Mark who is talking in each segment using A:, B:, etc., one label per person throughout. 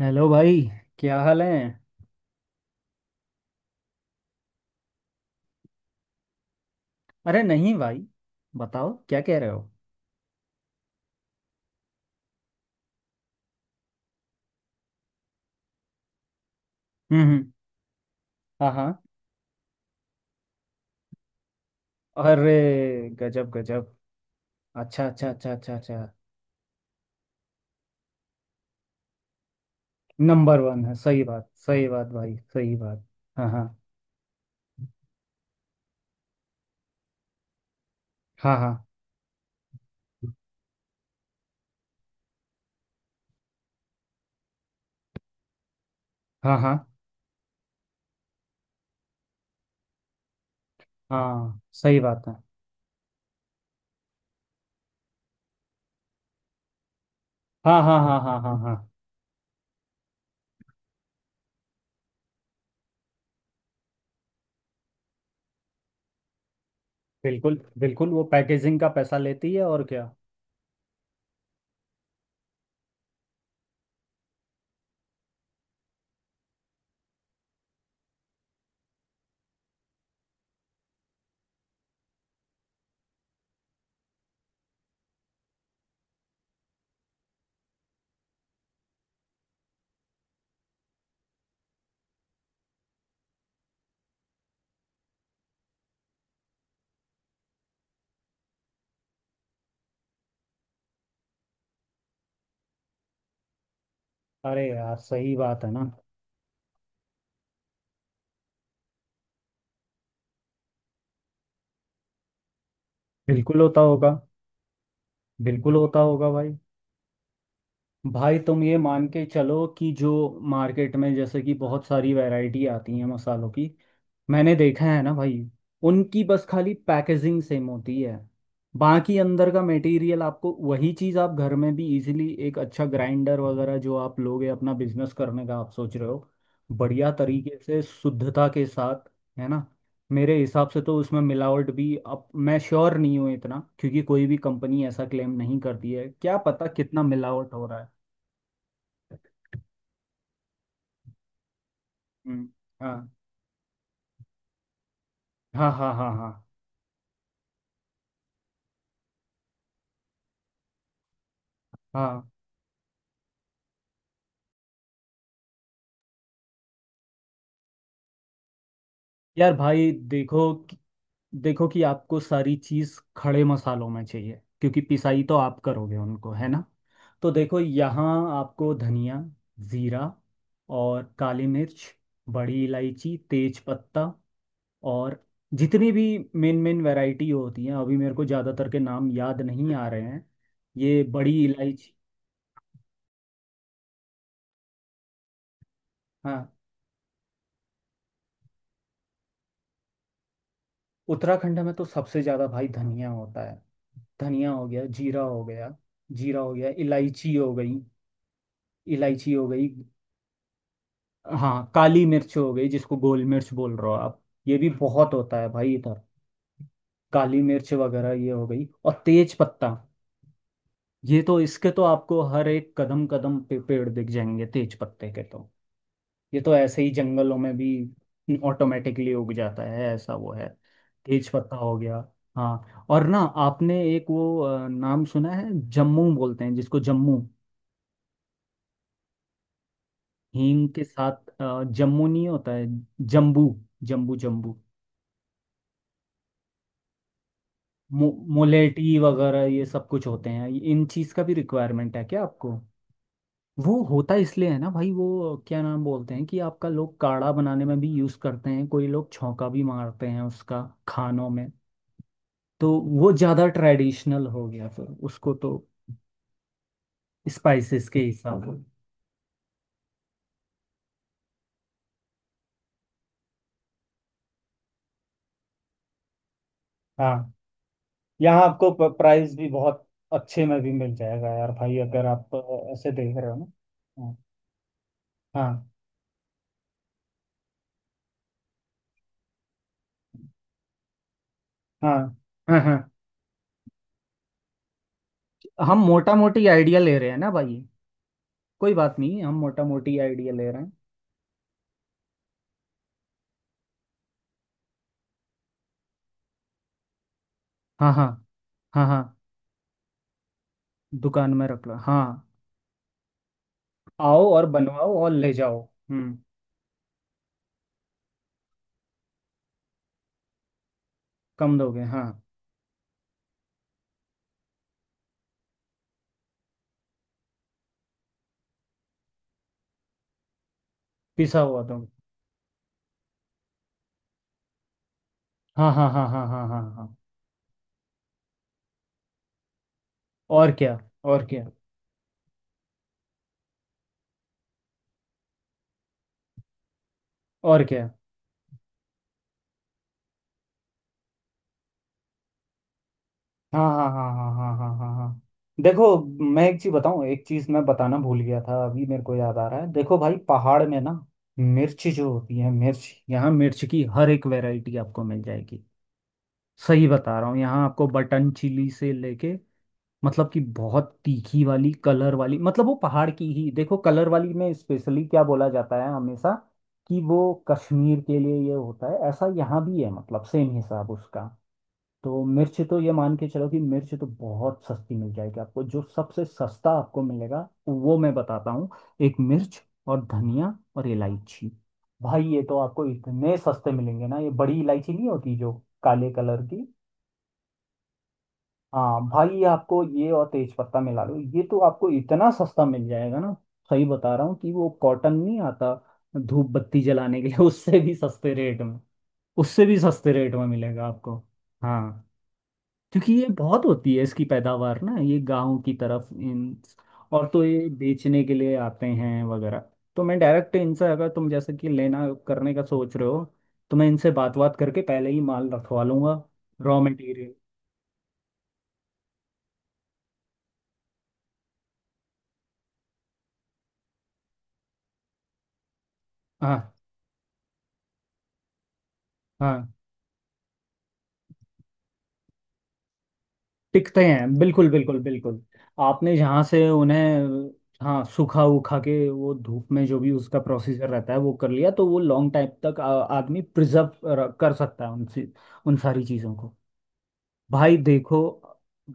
A: Hello भाई। क्या हाल है। अरे नहीं भाई, बताओ क्या कह रहे हो। हम्म हम्म, हाँ हाँ। अरे गजब गजब। अच्छा अच्छा अच्छा अच्छा अच्छा। नंबर वन है, सही बात भाई सही बात। हाँ हाँ हाँ हाँ हाँ हाँ हाँ। सही बात है। हाँ हाँ हाँ हाँ हाँ हाँ। बिल्कुल बिल्कुल, वो पैकेजिंग का पैसा लेती है और क्या। अरे यार, सही बात है ना। बिल्कुल होता होगा। बिल्कुल होता होगा भाई। भाई तुम ये मान के चलो कि जो मार्केट में जैसे कि बहुत सारी वैरायटी आती है मसालों की। मैंने देखा है ना भाई। उनकी बस खाली पैकेजिंग सेम होती है। बाकी अंदर का मटेरियल आपको वही चीज़, आप घर में भी इजीली एक अच्छा ग्राइंडर वगैरह जो आप लोगे, अपना बिजनेस करने का आप सोच रहे हो। बढ़िया तरीके से शुद्धता के साथ, है ना। मेरे हिसाब से तो उसमें मिलावट भी, अब मैं श्योर नहीं हूँ इतना क्योंकि कोई भी कंपनी ऐसा क्लेम नहीं करती है, क्या पता कितना मिलावट हो रहा है। हम्म, हाँ हाँ हाँ हाँ हाँ हाँ। यार भाई देखो देखो कि आपको सारी चीज़ खड़े मसालों में चाहिए क्योंकि पिसाई तो आप करोगे उनको, है ना। तो देखो, यहाँ आपको धनिया, जीरा और काली मिर्च, बड़ी इलायची, तेज पत्ता और जितनी भी मेन मेन वैरायटी होती हैं, अभी मेरे को ज़्यादातर के नाम याद नहीं आ रहे हैं। ये बड़ी इलायची। हाँ, उत्तराखंड में तो सबसे ज्यादा भाई धनिया होता है। धनिया हो गया, जीरा हो गया। जीरा हो गया, इलायची हो गई। इलायची हो गई। हाँ, काली मिर्च हो गई जिसको गोल मिर्च बोल रहे हो आप। ये भी बहुत होता है भाई इधर। काली मिर्च वगैरह ये हो गई, और तेज पत्ता। ये तो, इसके तो आपको हर एक कदम कदम पे पेड़ दिख जाएंगे तेज पत्ते के तो। ये तो ऐसे ही जंगलों में भी ऑटोमेटिकली उग जाता है, ऐसा वो है। तेज पत्ता हो गया। हाँ और ना, आपने एक वो नाम सुना है, जम्मू बोलते हैं जिसको, जम्मू हींग के साथ। जम्मू नहीं होता है, जम्बू। जम्बू जम्बू। मोलेटी वगैरह ये सब कुछ होते हैं, इन चीज का भी रिक्वायरमेंट है क्या आपको। वो होता इसलिए है ना भाई, वो क्या नाम बोलते हैं कि आपका, लोग काढ़ा बनाने में भी यूज करते हैं, कोई लोग छौंका भी मारते हैं उसका खानों में। तो वो ज्यादा ट्रेडिशनल हो गया फिर उसको तो, स्पाइसेस के हिसाब से। हाँ, यहाँ आपको प्राइस भी बहुत अच्छे में भी मिल जाएगा यार भाई, अगर आप ऐसे देख रहे हो ना। हाँ हाँ हाँ हाँ। हम मोटा मोटी आइडिया ले रहे हैं ना भाई, कोई बात नहीं, हम मोटा मोटी आइडिया ले रहे हैं। हाँ हाँ हाँ हाँ, दुकान में रख लो, हाँ। आओ और बनवाओ और ले जाओ। हम्म। कम दोगे, हाँ। पिसा हुआ दोगे, हाँ हाँ हाँ हाँ हाँ हाँ हाँ। और क्या। और क्या। और क्या। हाँ हाँ हाँ हाँ हाँ हाँ हाँ हाँ। देखो, मैं एक चीज बताऊं, एक चीज मैं बताना भूल गया था, अभी मेरे को याद आ रहा है। देखो भाई, पहाड़ में ना, मिर्च जो होती है, मिर्च, यहाँ मिर्च की हर एक वैरायटी आपको मिल जाएगी। सही बता रहा हूँ, यहाँ आपको बटन चिली से लेके, मतलब कि बहुत तीखी वाली, कलर वाली, मतलब वो पहाड़ की ही, देखो कलर वाली में स्पेशली क्या बोला जाता है हमेशा कि वो, कश्मीर के लिए ये होता है ऐसा, यहाँ भी है मतलब, सेम हिसाब उसका। तो मिर्च तो, ये मान के चलो कि मिर्च तो बहुत सस्ती मिल जाएगी आपको। जो सबसे सस्ता आपको मिलेगा वो मैं बताता हूँ। एक मिर्च, और धनिया, और इलायची। भाई ये तो आपको इतने सस्ते मिलेंगे ना। ये बड़ी इलायची नहीं होती जो काले कलर की, हाँ भाई, ये आपको, ये और तेज पत्ता मिला लो, ये तो आपको इतना सस्ता मिल जाएगा ना। सही बता रहा हूँ, कि वो कॉटन नहीं आता धूप बत्ती जलाने के लिए उससे भी सस्ते रेट में, उससे भी सस्ते रेट में मिलेगा आपको। हाँ, क्योंकि ये बहुत होती है इसकी पैदावार ना, ये गांव की तरफ इन, और तो ये बेचने के लिए आते हैं वगैरह। तो मैं डायरेक्ट इनसे, अगर तुम जैसे कि लेना करने का सोच रहे हो, तो मैं इनसे बात बात करके पहले ही माल रखवा लूंगा, रॉ मटेरियल। हाँ हाँ, टिकते हैं, बिल्कुल बिल्कुल बिल्कुल। आपने जहाँ से उन्हें, हाँ, सूखा उखा के वो धूप में जो भी उसका प्रोसीजर रहता है वो कर लिया, तो वो लॉन्ग टाइम तक आदमी प्रिजर्व कर सकता है उन उन सारी चीज़ों को। भाई देखो,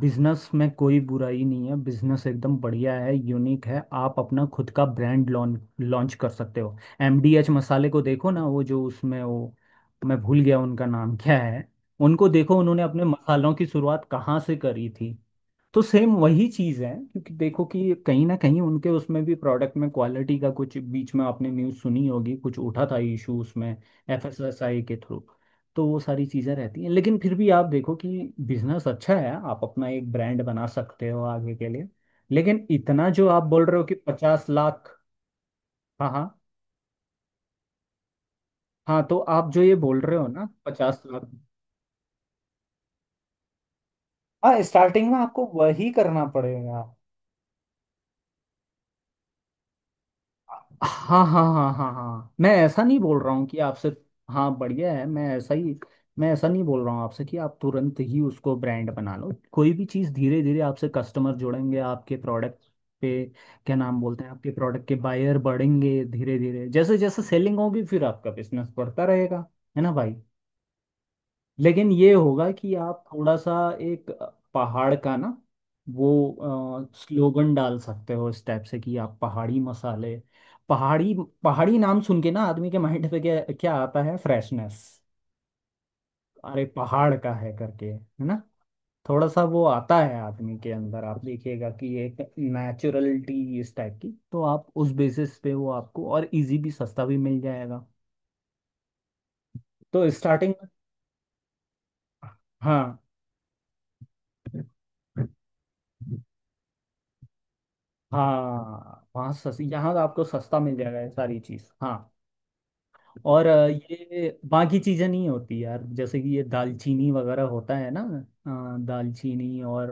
A: बिजनेस में कोई बुराई नहीं है, बिजनेस एकदम बढ़िया है, यूनिक है, आप अपना खुद का ब्रांड लॉन्च लॉन्च कर सकते हो। एमडीएच मसाले को देखो ना, वो जो उसमें वो, मैं भूल गया उनका नाम क्या है। उनको देखो, उन्होंने अपने मसालों की शुरुआत कहाँ से करी थी। तो सेम वही चीज़ है, क्योंकि देखो कि कहीं ना कहीं उनके उसमें भी, प्रोडक्ट में क्वालिटी का कुछ, बीच में आपने न्यूज़ सुनी होगी, कुछ उठा था इशू उसमें, एफएसएसआई के थ्रू। तो वो सारी चीज़ें रहती हैं, लेकिन फिर भी आप देखो कि बिजनेस अच्छा है, आप अपना एक ब्रांड बना सकते हो आगे के लिए। लेकिन इतना जो आप बोल रहे हो कि 50 लाख, हाँ हाँ। हाँ, तो आप जो ये बोल रहे हो ना, 50 लाख। हाँ, स्टार्टिंग में आपको वही करना पड़ेगा। हाँ हाँ हाँ हाँ हाँ, मैं ऐसा नहीं बोल रहा हूँ कि आपसे, हाँ बढ़िया है, मैं ऐसा ही, मैं ऐसा नहीं बोल रहा हूँ आपसे कि आप तुरंत ही उसको ब्रांड बना लो। कोई भी चीज़ धीरे धीरे, आपसे कस्टमर जुड़ेंगे आपके प्रोडक्ट पे, क्या नाम बोलते हैं, आपके प्रोडक्ट के बायर बढ़ेंगे धीरे धीरे, जैसे जैसे सेलिंग होगी फिर आपका बिजनेस बढ़ता रहेगा, है ना भाई। लेकिन ये होगा कि आप थोड़ा सा एक पहाड़ का ना वो स्लोगन डाल सकते हो, इस टाइप से कि आप पहाड़ी मसाले, पहाड़ी, पहाड़ी नाम सुन के ना आदमी के माइंड पे क्या क्या आता है, फ्रेशनेस, अरे पहाड़ का है करके, है ना। थोड़ा सा वो आता है आदमी के अंदर, आप देखिएगा, कि एक नेचुरलिटी इस टाइप की। तो आप उस बेसिस पे वो आपको और इजी भी, सस्ता भी मिल जाएगा, तो स्टार्टिंग। हाँ हाँ, वहाँ सस यहाँ तो आपको सस्ता मिल जाएगा, ये सारी चीज़, हाँ। और ये बाकी चीज़ें नहीं होती यार, जैसे कि ये दालचीनी वगैरह होता है ना, दालचीनी और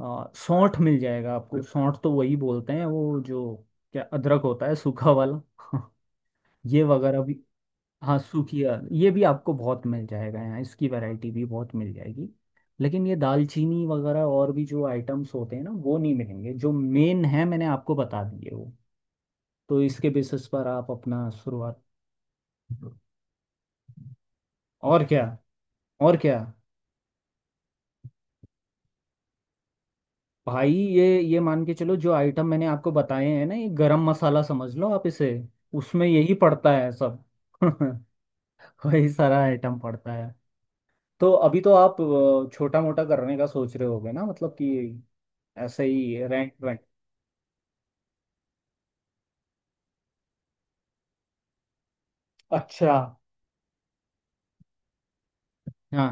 A: सौंठ मिल जाएगा आपको। सौंठ तो वही बोलते हैं वो जो, क्या, अदरक होता है सूखा वाला ये वगैरह भी। हाँ सूखी, ये भी आपको बहुत मिल जाएगा यहाँ, इसकी वैरायटी भी बहुत मिल जाएगी। लेकिन ये दालचीनी वगैरह और भी जो आइटम्स होते हैं ना, वो नहीं मिलेंगे। जो मेन है मैंने आपको बता दिए वो, तो इसके बेसिस पर आप अपना शुरुआत, और क्या, और क्या। भाई, ये मान के चलो जो आइटम मैंने आपको बताए हैं ना, ये गरम मसाला समझ लो आप इसे, उसमें यही पड़ता है सब वही सारा आइटम पड़ता है। तो अभी तो आप छोटा मोटा करने का सोच रहे होगे ना, मतलब कि ऐसे ही रेंट वेंट, अच्छा। हाँ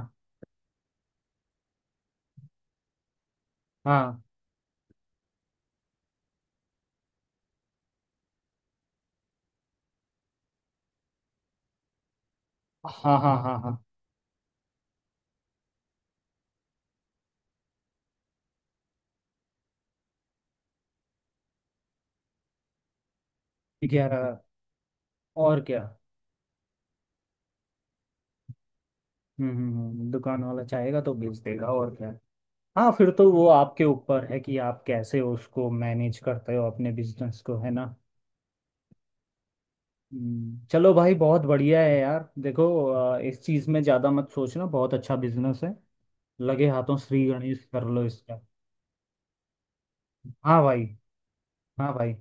A: हाँ हाँ हाँ हाँ हाँ। 11, और क्या। दुकान वाला चाहेगा तो बेच देगा, और क्या। हाँ, फिर तो वो आपके ऊपर है कि आप कैसे उसको मैनेज करते हो अपने बिजनेस को, है ना। चलो भाई, बहुत बढ़िया है यार, देखो इस चीज़ में ज़्यादा मत सोचना, बहुत अच्छा बिजनेस है, लगे हाथों श्री गणेश कर लो इसका। हाँ भाई। हाँ भाई।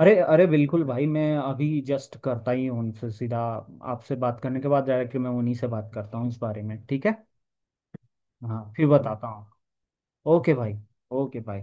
A: अरे अरे, बिल्कुल भाई, मैं अभी जस्ट करता ही हूँ उनसे सीधा, आपसे बात करने के बाद डायरेक्टली मैं उन्हीं से बात करता हूँ इस बारे में। ठीक है, हाँ फिर बताता हूँ। ओके भाई। ओके भाई।